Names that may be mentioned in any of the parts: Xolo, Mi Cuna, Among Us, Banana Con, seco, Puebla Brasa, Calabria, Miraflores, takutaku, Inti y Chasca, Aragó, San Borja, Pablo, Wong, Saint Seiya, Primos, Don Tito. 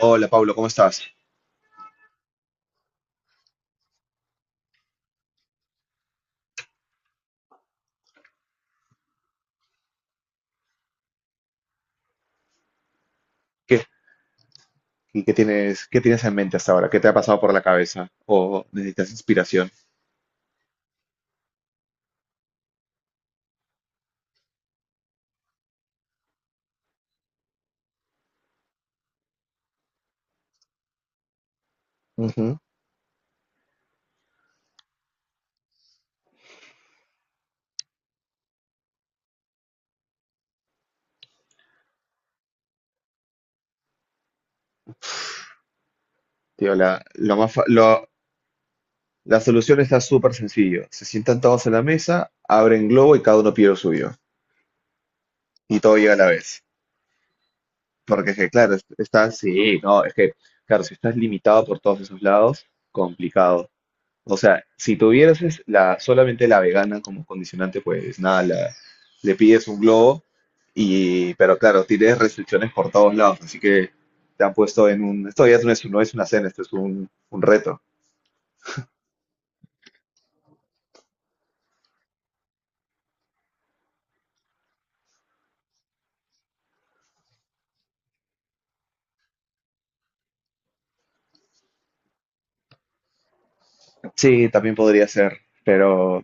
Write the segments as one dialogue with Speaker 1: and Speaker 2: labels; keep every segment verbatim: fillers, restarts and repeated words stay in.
Speaker 1: Hola, Pablo, ¿cómo estás? ¿Qué, ¿Y qué tienes, qué tienes en mente hasta ahora? ¿Qué te ha pasado por la cabeza? ¿O necesitas inspiración? Ujú. Tío, la, lo más fa- lo- La solución está súper sencillo. Se sientan todos en la mesa, abren globo y cada uno pide lo suyo. Y todo llega a la vez. Porque es que, claro, es- estás, sí, no, es que, claro, si estás limitado por todos esos lados, complicado. O sea, si tuvieras es- la, solamente la vegana como condicionante, pues nada, la- le pides un globo y, pero claro, tienes restricciones por todos lados, así que te han puesto en un, esto ya no es, no es una cena, esto es un, un reto. Sí, también podría ser, pero,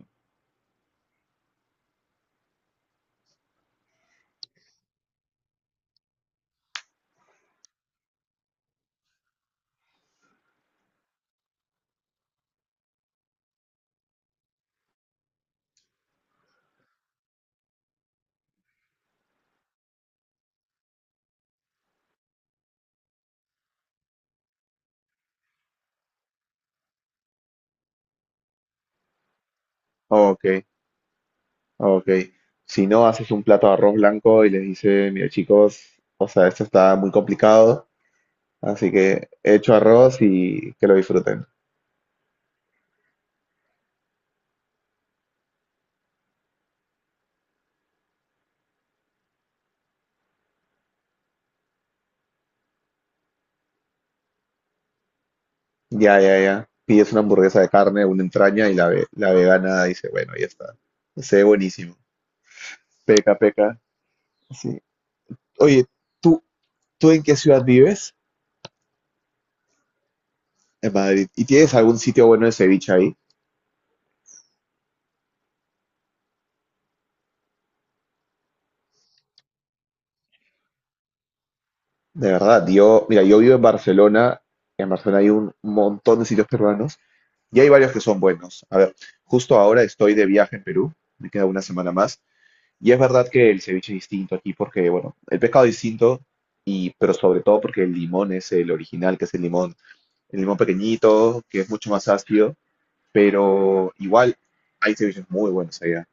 Speaker 1: ok, ok. Si no, haces un plato de arroz blanco y les dices, mira chicos, o sea, esto está muy complicado, así que he hecho arroz y que lo disfruten. Ya, ya, ya. Pides una hamburguesa de carne, una entraña y la, ve- la vegana dice, bueno, ya está. Se ve buenísimo. Peca, peca. Sí. Oye, ¿tú, ¿tú en qué ciudad vives? En Madrid. ¿Y tienes algún sitio bueno de ceviche ahí? De verdad, yo, mira, yo vivo en Barcelona. En Barcelona hay un montón de sitios peruanos y hay varios que son buenos. A ver, justo ahora estoy de viaje en Perú. Me queda una semana más. Y es verdad que el ceviche es distinto aquí porque, bueno, el pescado es distinto, y, pero sobre todo porque el limón es el original, que es el limón, el limón pequeñito, que es mucho más ácido, pero igual hay ceviches muy buenos allá.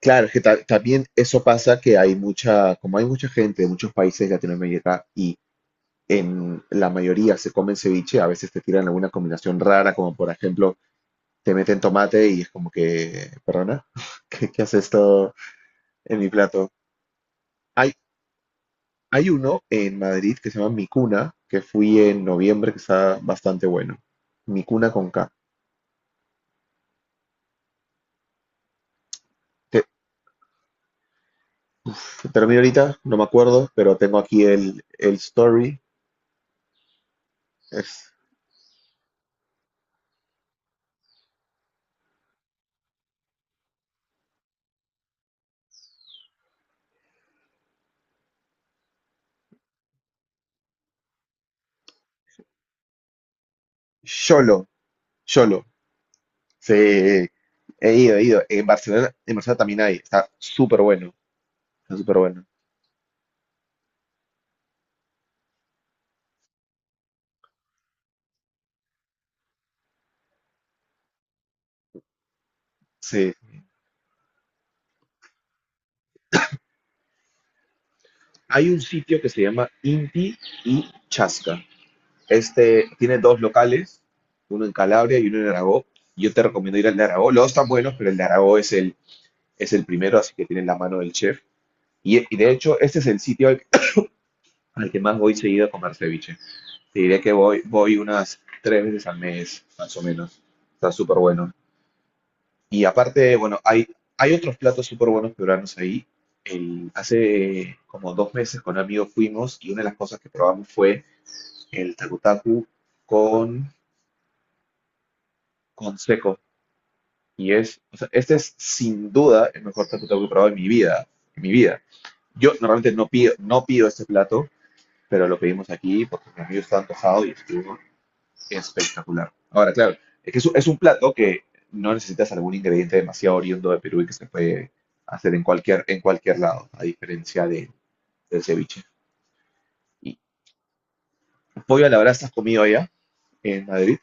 Speaker 1: Claro, es que ta- también eso pasa que hay mucha, como hay mucha gente de muchos países de Latinoamérica y en la mayoría se comen ceviche, a veces te tiran alguna combinación rara, como por ejemplo te meten tomate y es como que, perdona, ¿qué, ¿qué hace esto en mi plato? Hay, Hay uno en Madrid que se llama Mi Cuna, que fui en noviembre, que está bastante bueno. Mi Cuna con K. Te- Termino ahorita, no me acuerdo, pero tengo aquí el, el story. Es Xolo, Xolo. Sí, he ido, he ido. En Barcelona, en Barcelona también hay. Está súper bueno, está súper bueno. Sí. Hay un sitio que se llama Inti y Chasca. Este tiene dos locales, uno en Calabria y uno en Aragó. Yo te recomiendo ir al de Aragó. Los dos están buenos, pero el de Aragó es el es el primero, así que tiene la mano del chef. Y, y de hecho, este es el sitio al, al que más voy seguido a comer ceviche. Te diré que voy, voy unas tres veces al mes, más o menos. Está súper bueno. Y aparte, bueno, hay, hay otros platos súper buenos peruanos ahí. El- hace como dos meses con un amigo fuimos y una de las cosas que probamos fue el takutaku con, con seco. Y es, o sea, este es sin duda el mejor takutaku que he probado en mi vida, en mi vida. Yo normalmente no pido, no pido este plato, pero lo pedimos aquí porque mi amigo está antojado y estuvo espectacular. Ahora, claro, es que es un, es un plato que no necesitas algún ingrediente demasiado oriundo de Perú y que se puede hacer en cualquier, en cualquier lado, a diferencia de, del ceviche. Y pollo a la brasa has comido allá en Madrid.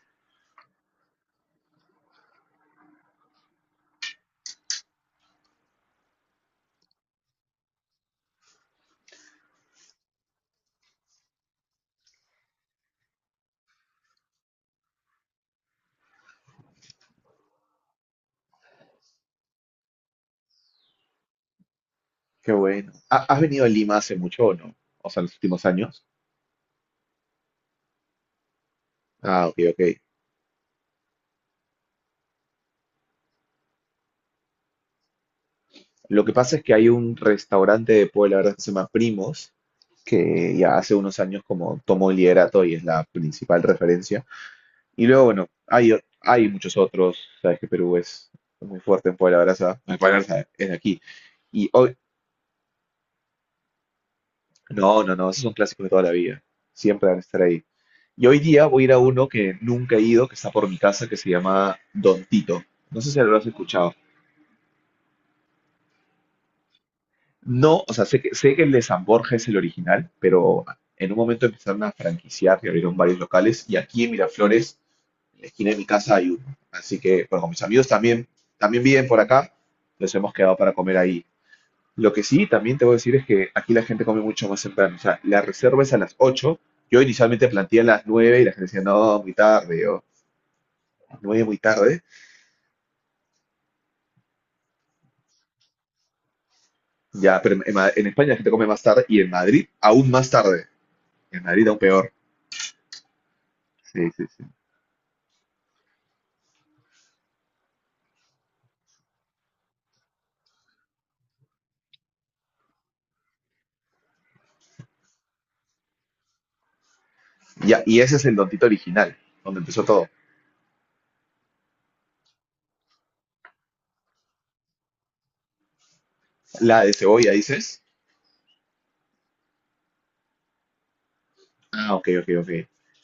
Speaker 1: Qué bueno. ¿Ha- ¿Has venido a Lima hace mucho o no? O sea, en los últimos años. Ah, ok, ok. Lo que pasa es que hay un restaurante de pollo a la brasa que se llama Primos, que ya hace unos años como tomó el liderato y es la principal referencia. Y luego, bueno, hay, o- hay muchos otros, sabes que Perú es muy fuerte en Puebla Brasa, en Puebla Brasa es de aquí. Y hoy, no, no, no, esos son clásicos de toda la vida, siempre van a estar ahí. Y hoy día voy a ir a uno que nunca he ido, que está por mi casa, que se llama Don Tito. No sé si lo has escuchado. No, o sea, sé que, sé que el de San Borja es el original, pero en un momento empezaron a franquiciar y abrieron varios locales. Y aquí en Miraflores en la esquina de mi casa hay uno. Así que, bueno, con mis amigos también, también viven por acá, nos hemos quedado para comer ahí. Lo que sí, también te voy a decir es que aquí la gente come mucho más temprano. O sea, la reserva es a las ocho. Yo inicialmente planteé a las nueve y la gente decía, no, muy tarde, o nueve muy tarde. Ya, pero en, Ma- en España la gente come más tarde y en Madrid aún más tarde. En Madrid aún peor. Sí, sí, sí. Ya, y ese es el Don Tito original, donde empezó todo. La de cebolla, dices. Ah, ok, ok, ok.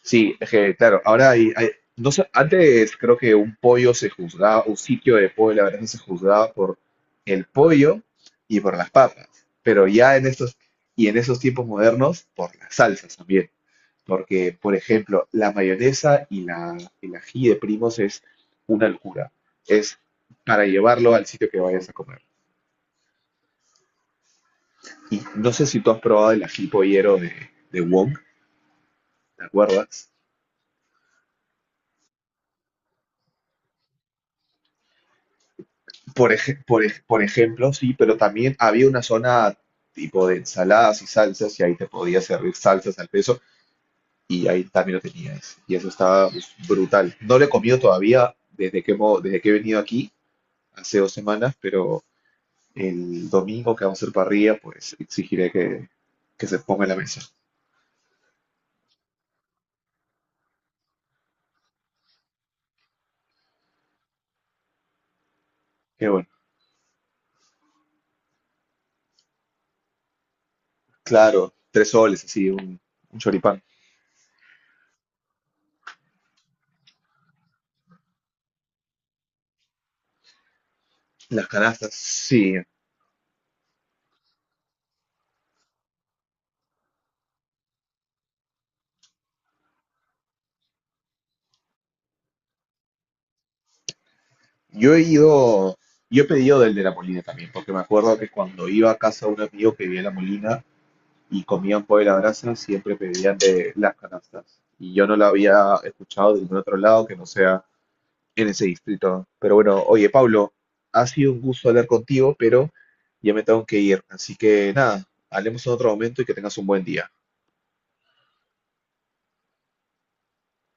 Speaker 1: Sí, es que, claro, ahora hay, hay- no sé, antes creo que un pollo se juzgaba, un sitio de pollo, la verdad, se juzgaba por el pollo y por las papas, pero ya en estos, y en esos tiempos modernos, por las salsas también, porque, por ejemplo, la mayonesa y la, el ají de primos es una locura, es para llevarlo al sitio que vayas a comer. Y no sé si tú has probado el ají pollero de, de Wong, ¿te acuerdas? Por, ej- por, ej- por ejemplo, sí, pero también había una zona tipo de ensaladas y salsas y ahí te podía servir salsas al peso y ahí también lo tenías. Y eso estaba pues, brutal. No lo he comido todavía desde que, hemo- desde que he venido aquí, hace dos semanas, pero el domingo que vamos a hacer parrilla, pues exigiré que, que se ponga en la mesa. Qué bueno. Claro, tres soles, así, un, un choripán. Las canastas, sí. Yo he ido, yo he pedido del de la Molina también, porque me acuerdo que cuando iba a casa de un amigo que vivía en la Molina y comían pollo a la brasa, siempre pedían de las canastas. Y yo no la había escuchado de ningún otro lado que no sea en ese distrito. Pero bueno, oye, Pablo, ha sido un gusto hablar contigo, pero ya me tengo que ir. Así que nada, hablemos en otro momento y que tengas un buen día.